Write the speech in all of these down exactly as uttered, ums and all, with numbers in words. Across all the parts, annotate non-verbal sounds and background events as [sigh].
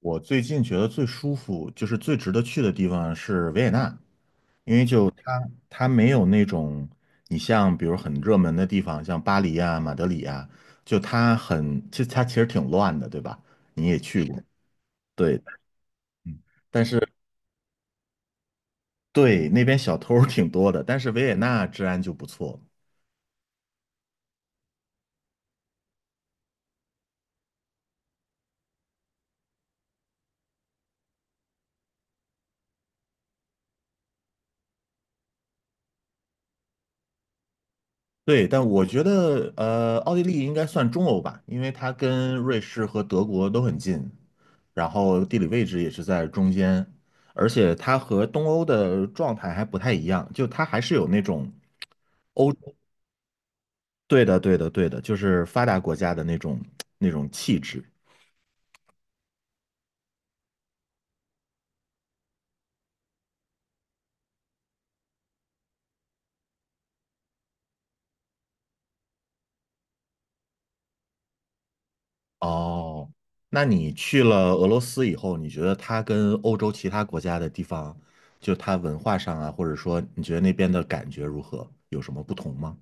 我最近觉得最舒服，就是最值得去的地方是维也纳，因为就它没有那种你像比如很热门的地方，像巴黎啊、马德里啊，就它很，其实它其实挺乱的，对吧？你也去过，对，嗯但是对那边小偷儿挺多的，但是维也纳治安就不错。对，但我觉得呃，奥地利应该算中欧吧，因为它跟瑞士和德国都很近，然后地理位置也是在中间，而且它和东欧的状态还不太一样，就它还是有那种欧，对的，对的，对的，就是发达国家的那种那种气质。哦，那你去了俄罗斯以后，你觉得它跟欧洲其他国家的地方，就它文化上啊，或者说你觉得那边的感觉如何？有什么不同吗？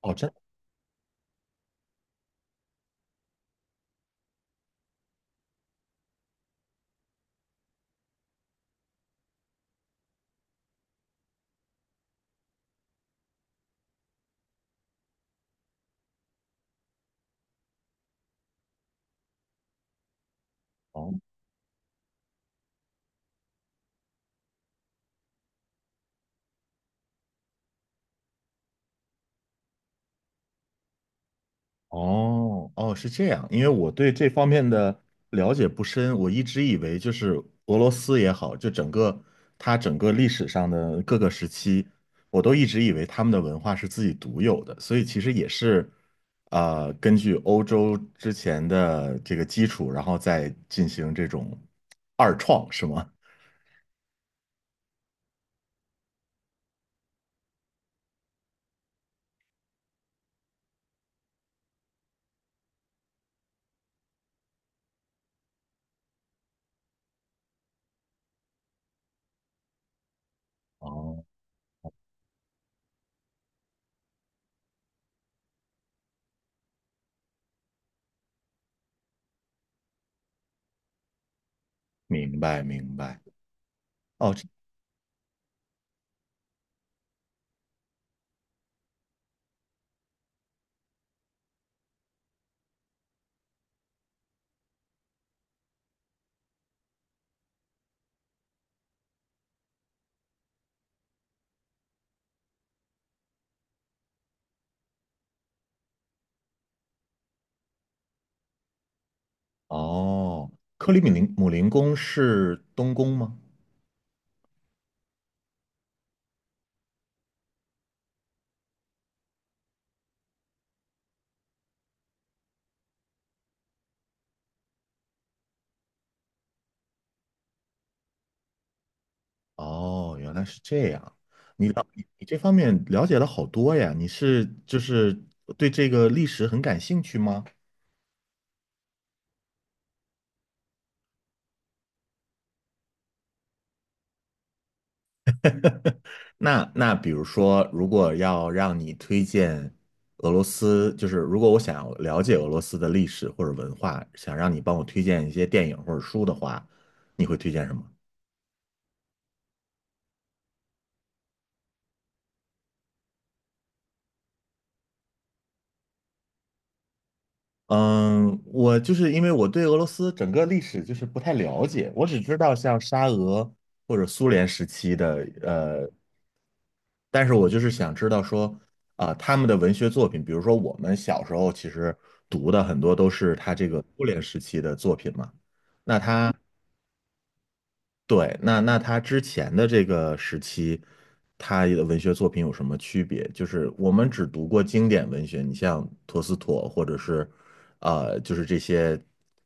哦，真的哦。哦哦，是这样，因为我对这方面的了解不深，我一直以为就是俄罗斯也好，就整个它整个历史上的各个时期，我都一直以为他们的文化是自己独有的，所以其实也是，呃，根据欧洲之前的这个基础，然后再进行这种二创，是吗？哦，明白明白。哦这哦，克里米林姆林宫是东宫吗？哦，原来是这样。你了你你这方面了解了好多呀。你是就是对这个历史很感兴趣吗？那那比如说，如果要让你推荐俄罗斯，就是如果我想要了解俄罗斯的历史或者文化，想让你帮我推荐一些电影或者书的话，你会推荐什么？嗯，我就是因为我对俄罗斯整个历史就是不太了解，我只知道像沙俄或者苏联时期的呃但是我就是想知道说，啊、他们的文学作品，比如说我们小时候其实读的很多都是他这个苏联时期的作品嘛，那他对，那那他之前的这个时期，他的文学作品有什么区别？就是我们只读过经典文学，你像陀思妥或者是，呃，就是这些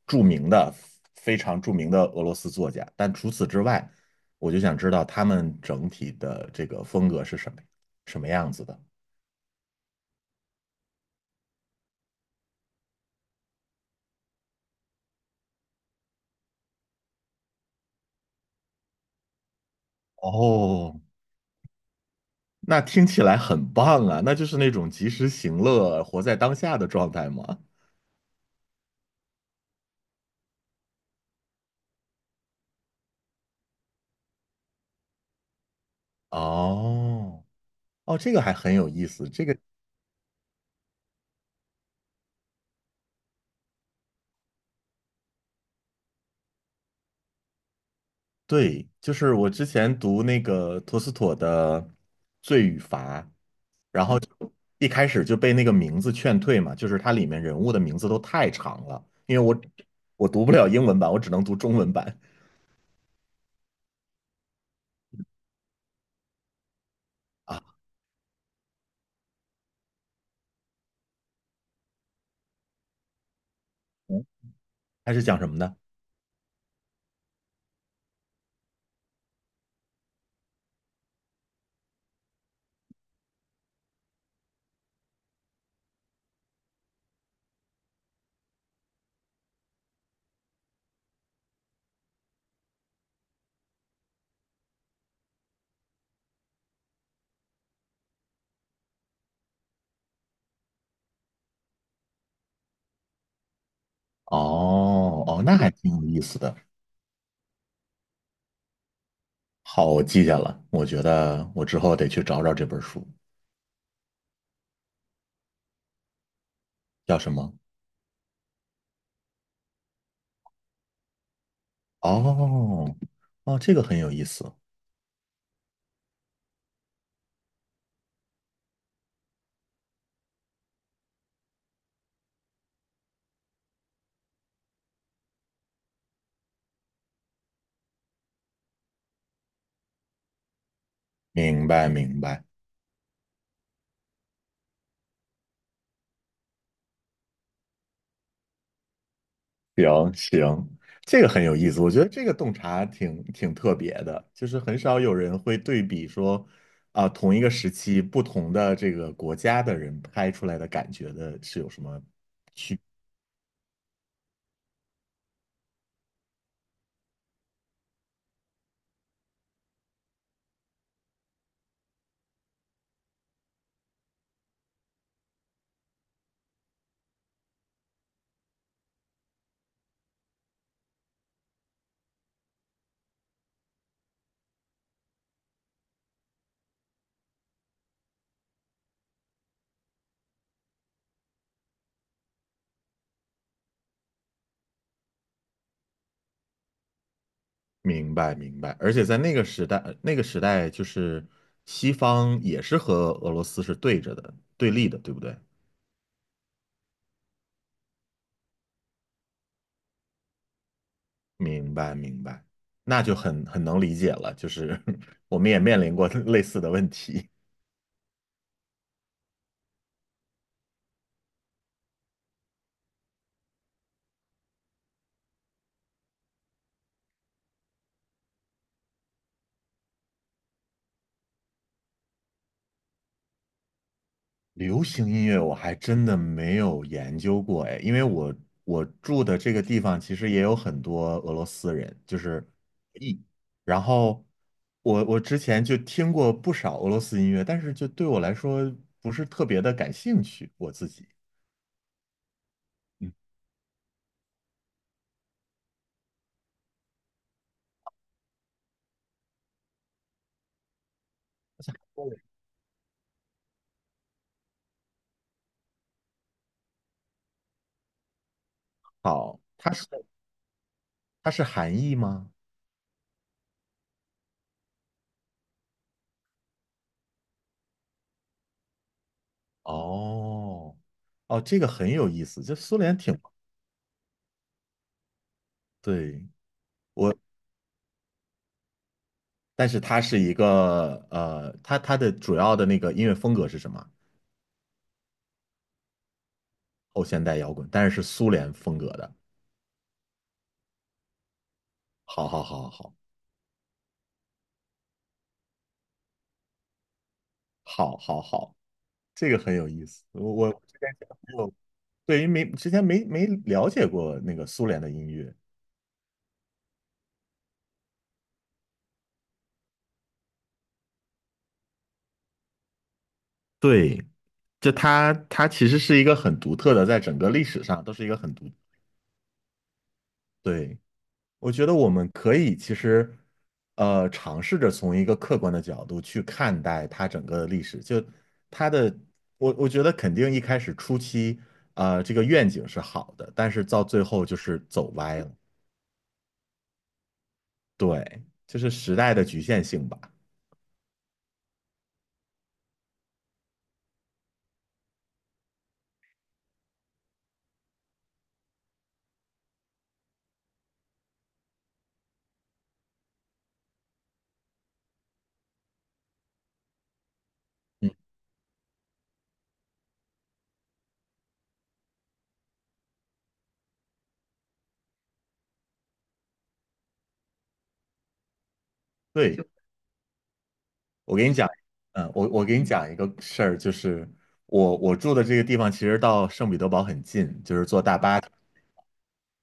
著名的、非常著名的俄罗斯作家，但除此之外，我就想知道他们整体的这个风格是什么，什么样子的。哦，那听起来很棒啊，那就是那种及时行乐、活在当下的状态吗？哦，哦，这个还很有意思。这个对，就是我之前读那个托斯妥的《罪与罚》，然后一开始就被那个名字劝退嘛，就是它里面人物的名字都太长了，因为我我读不了英文版，我只能读中文版啊。嗯它是讲什么的？哦哦，那还挺有意思的。好，我记下了。我觉得我之后得去找找这本书，叫什么？哦，哦，这个很有意思。明白，明白。行行，这个很有意思。我觉得这个洞察挺挺特别的，就是很少有人会对比说，啊，同一个时期不同的这个国家的人拍出来的感觉的是有什么？明白，明白。而且在那个时代，那个时代就是西方也是和俄罗斯是对着的，对立的，对不对？明白明白，那就很很能理解了，就是我们也面临过 [laughs] 类似的问题。流行音乐我还真的没有研究过哎，因为我我住的这个地方其实也有很多俄罗斯人，就是一，然后我我之前就听过不少俄罗斯音乐，但是就对我来说不是特别的感兴趣，我自己。嗯，好，它是它是韩裔吗？哦，哦，这个很有意思。就苏联挺对，但是它是一个呃，它它的主要的那个音乐风格是什么？后现代摇滚，但是是苏联风格的。好好好好好好好，好，这个很有意思。我我之前没有，对于没之前没没了解过那个苏联的音乐。对，就它它其实是一个很独特的，在整个历史上都是一个很独，对。我觉得我们可以其实，呃，尝试着从一个客观的角度去看待它整个的历史。就它的，我我觉得肯定一开始初期，呃，这个愿景是好的，但是到最后就是走歪了。对，就是时代的局限性吧。嗯，对，我给你讲，嗯，我我给你讲一个事儿，就是我我住的这个地方其实到圣彼得堡很近，就是坐大巴。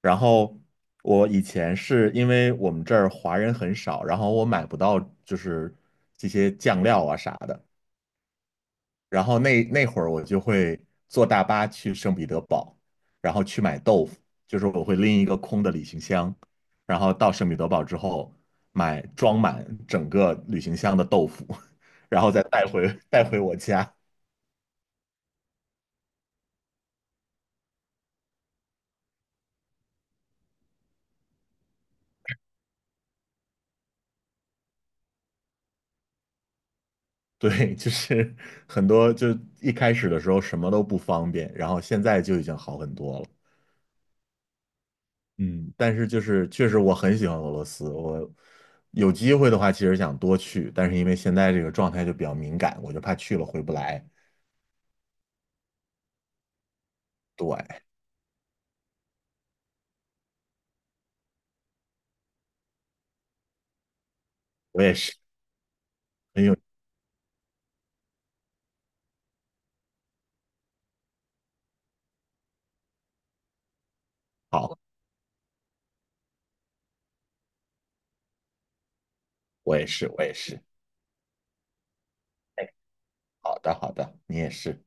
然后我以前是因为我们这儿华人很少，然后我买不到就是这些酱料啊啥的，然后那那会儿我就会坐大巴去圣彼得堡，然后去买豆腐，就是我会拎一个空的旅行箱，然后到圣彼得堡之后买装满整个旅行箱的豆腐，[laughs] 然后再带回带回我家。对，就是很多，就一开始的时候什么都不方便，然后现在就已经好很多了。嗯，但是就是确实我很喜欢俄罗斯，我有机会的话其实想多去，但是因为现在这个状态就比较敏感，我就怕去了回不来。对，我也是，很有，好，我也是，我也是。哎，好的，好的，你也是。